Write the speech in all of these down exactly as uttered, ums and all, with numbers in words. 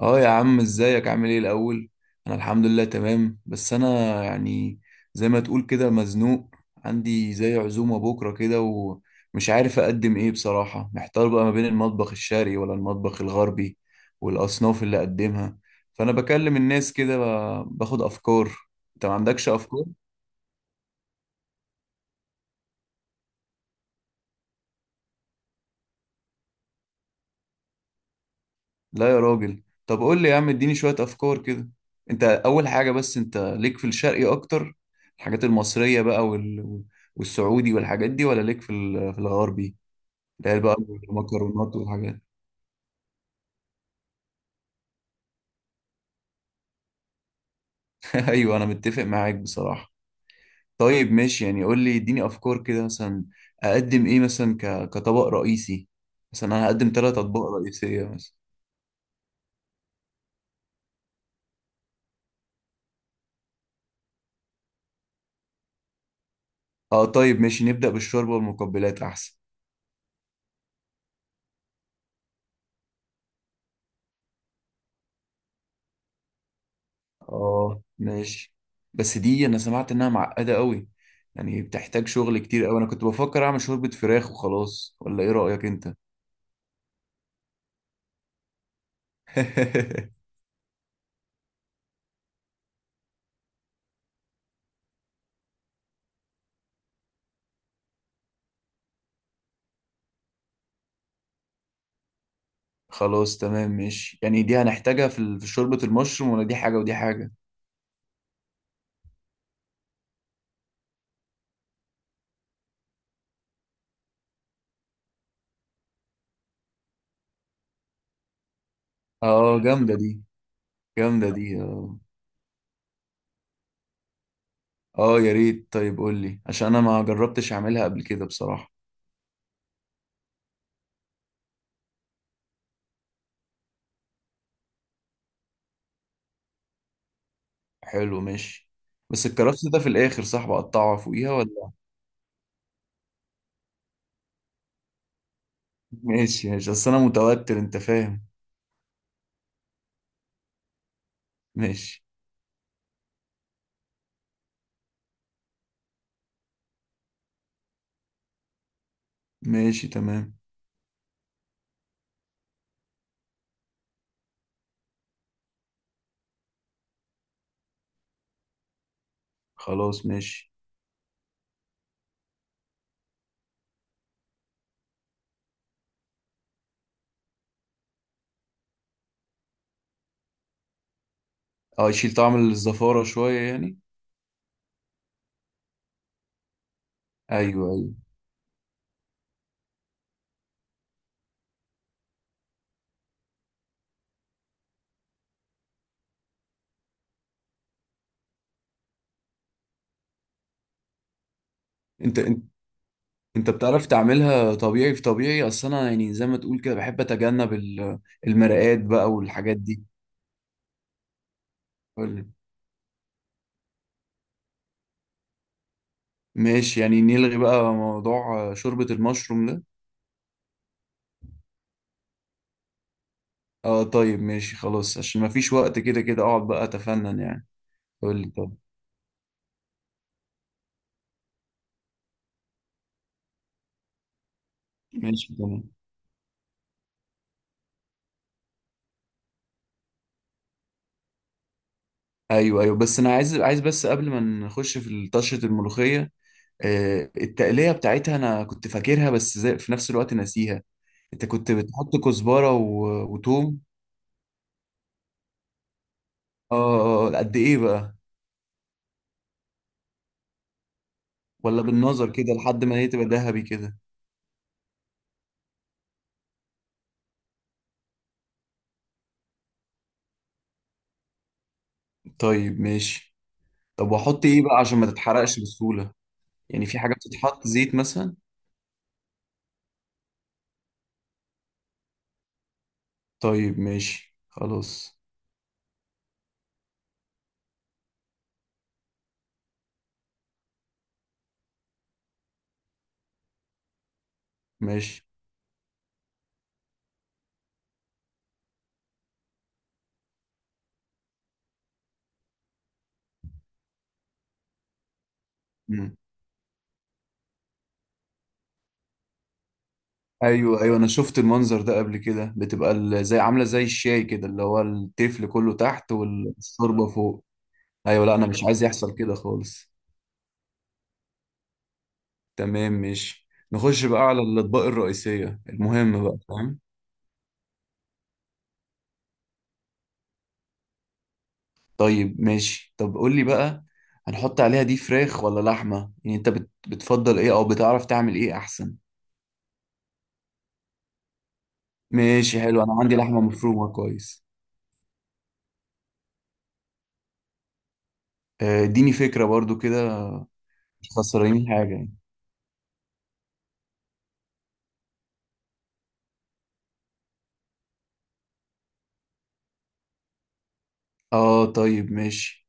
اه يا عم ازيك؟ عامل ايه الاول؟ انا الحمد لله تمام، بس انا يعني زي ما تقول كده مزنوق. عندي زي عزومة بكرة كده ومش عارف اقدم ايه، بصراحة محتار بقى ما بين المطبخ الشرقي ولا المطبخ الغربي والاصناف اللي اقدمها. فانا بكلم الناس كده ب- باخد افكار. انت ما عندكش افكار؟ لا يا راجل، طب قول لي يا عم اديني شوية افكار كده. انت اول حاجة بس، انت ليك في الشرقي اكتر، الحاجات المصرية بقى وال... والسعودي والحاجات دي، ولا ليك في ال- في الغربي ده بقى، المكرونات والحاجات؟ ايوه انا متفق معاك بصراحة. طيب ماشي، يعني قول لي اديني افكار كده. مثلا اقدم ايه مثلا ك... كطبق رئيسي؟ مثلا انا هقدم ثلاث اطباق رئيسية مثلا. اه طيب ماشي، نبدأ بالشوربة والمقبلات احسن. اه ماشي، بس دي انا سمعت انها معقدة قوي، يعني بتحتاج شغل كتير قوي. انا كنت بفكر اعمل شوربة فراخ وخلاص، ولا ايه رأيك انت؟ خلاص تمام ماشي، يعني دي هنحتاجها في ال- في شوربة المشروم، ولا دي حاجة ودي حاجة؟ اه جامدة دي. جامدة دي اه. اه يا ريت، طيب قول لي عشان انا ما جربتش اعملها قبل كده بصراحة. حلو ماشي. بس الكرفس ده في الاخر صح بقطعه فوقيها، ولا ماشي ماشي، اصل انا متوتر انت فاهم. ماشي. ماشي تمام. خلاص ماشي. اه يشيل طعم الزفارة شوية يعني. ايوه ايوه. انت انت انت بتعرف تعملها طبيعي في طبيعي؟ اصل انا يعني زي ما تقول كده بحب اتجنب ال- المرقات بقى والحاجات دي. قولي. ماشي يعني، نلغي بقى موضوع آه، شوربة المشروم ده. اه طيب ماشي خلاص، عشان ما فيش وقت كده كده اقعد بقى اتفنن يعني. قول لي طب. ماشي تمام. ايوه ايوه، بس انا عايز، عايز بس قبل ما نخش في طشة الملوخية، آه، التقلية بتاعتها أنا كنت فاكرها بس زي في نفس الوقت ناسيها. أنت كنت بتحط كزبرة و... وتوم. آه آه، قد إيه بقى؟ ولا بالنظر كده لحد ما هي تبقى ذهبي كده؟ طيب ماشي. طب وأحط إيه بقى عشان ما تتحرقش بسهولة؟ يعني في حاجة بتتحط زيت مثلا؟ طيب ماشي خلاص. ماشي. مم. ايوه ايوه انا شفت المنظر ده قبل كده، بتبقى ال- زي عامله زي الشاي كده، اللي هو التفل كله تحت والشوربه فوق. ايوه لا انا مش عايز يحصل كده خالص. تمام ماشي، نخش بقى على الأطباق الرئيسية المهم بقى فاهم. طيب ماشي، طب قول لي بقى، هنحط عليها دي فراخ ولا لحمة؟ يعني انت بت... بتفضل ايه او بتعرف تعمل ايه احسن؟ ماشي حلو، انا عندي لحمة مفرومة كويس. آه، اديني فكرة برضو كده. مش خسرانين حاجة يعني؟ اه طيب ماشي.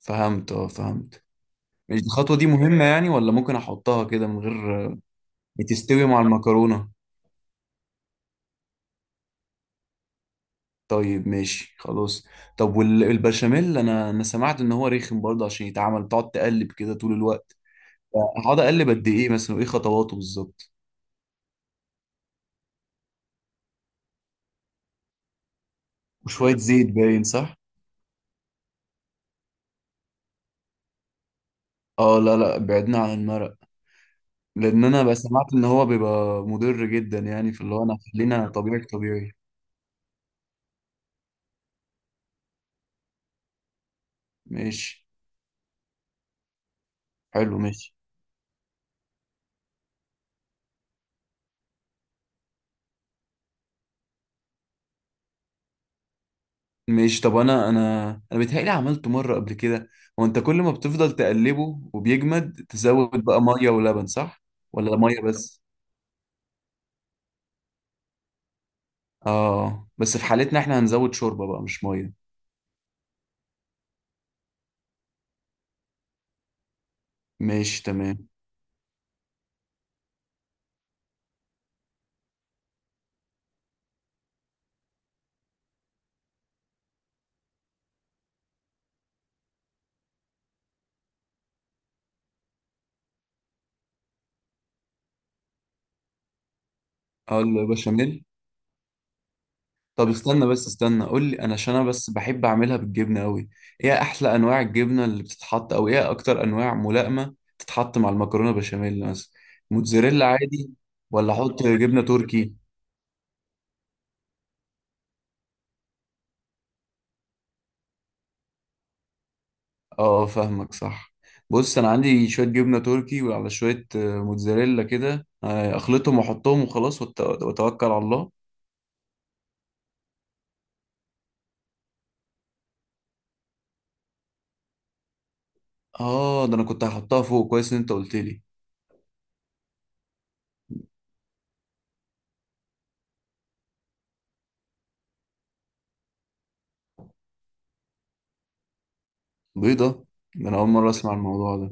فهمت اه فهمت. ماشي الخطوة دي مهمة يعني، ولا ممكن احطها كده من غير؟ بتستوي مع المكرونة؟ طيب ماشي خلاص. طب والبشاميل، انا انا سمعت ان هو رخم برضه، عشان يتعمل تقعد تقلب كده طول الوقت؟ هقعد اقلب قد ايه مثلا؟ وايه خطواته بالظبط؟ وشوية زيت باين صح؟ اه لا لا، بعدنا عن المرق، لان انا بقى سمعت ان هو بيبقى مضر جدا يعني، في اللي هو انا خلينا طبيعي طبيعي. ماشي حلو. ماشي ماشي، طب انا انا انا بيتهيألي عملته مرة قبل كده. هو انت كل ما بتفضل تقلبه وبيجمد تزود بقى مية ولبن صح؟ ولا مية بس؟ اه، بس في حالتنا احنا هنزود شوربة بقى مش مية. ماشي تمام. اقول له بشاميل. طب استنى بس استنى، قول لي انا عشان انا بس بحب اعملها بالجبنة قوي. ايه احلى انواع الجبنة اللي بتتحط؟ او ايه اكتر انواع ملائمة تتحط مع المكرونة بشاميل مثلا؟ موتزاريلا عادي، ولا احط جبنة تركي؟ اه فاهمك صح. بص انا عندي شوية جبنة تركي وعلى شوية آه، موتزاريلا كده، آه، اخلطهم واحطهم وخلاص، وأت- واتوكل على الله. اه، ده انا كنت هحطها فوق، كويس ان انت قلت لي. بيضة؟ ده أنا أول مرة أسمع الموضوع ده.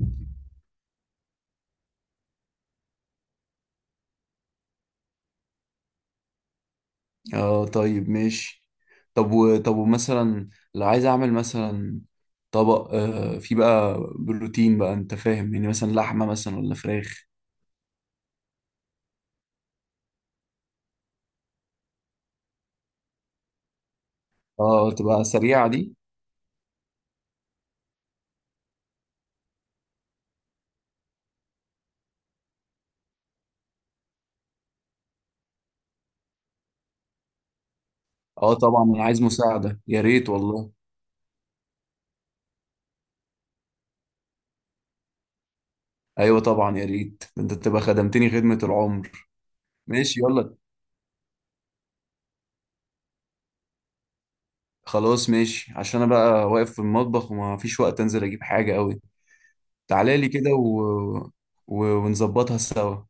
آه طيب ماشي. طب و... طب ومثلا لو عايز أعمل مثلا طبق آه فيه بقى بروتين بقى، أنت فاهم، يعني مثلا لحمة مثلا ولا فراخ؟ آه تبقى سريعة دي. آه طبعا أنا عايز مساعدة، يا ريت والله. أيوة طبعا يا ريت، ده أنت تبقى خدمتني خدمة العمر. ماشي يلا. خلاص ماشي، عشان أنا بقى واقف في المطبخ وما فيش وقت أنزل أجيب حاجة أوي. تعالى لي كده و... و... ونظبطها سوا.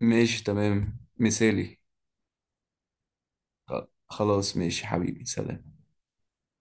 ماشي تمام مثالي. خ- خلاص ماشي حبيبي، سلام.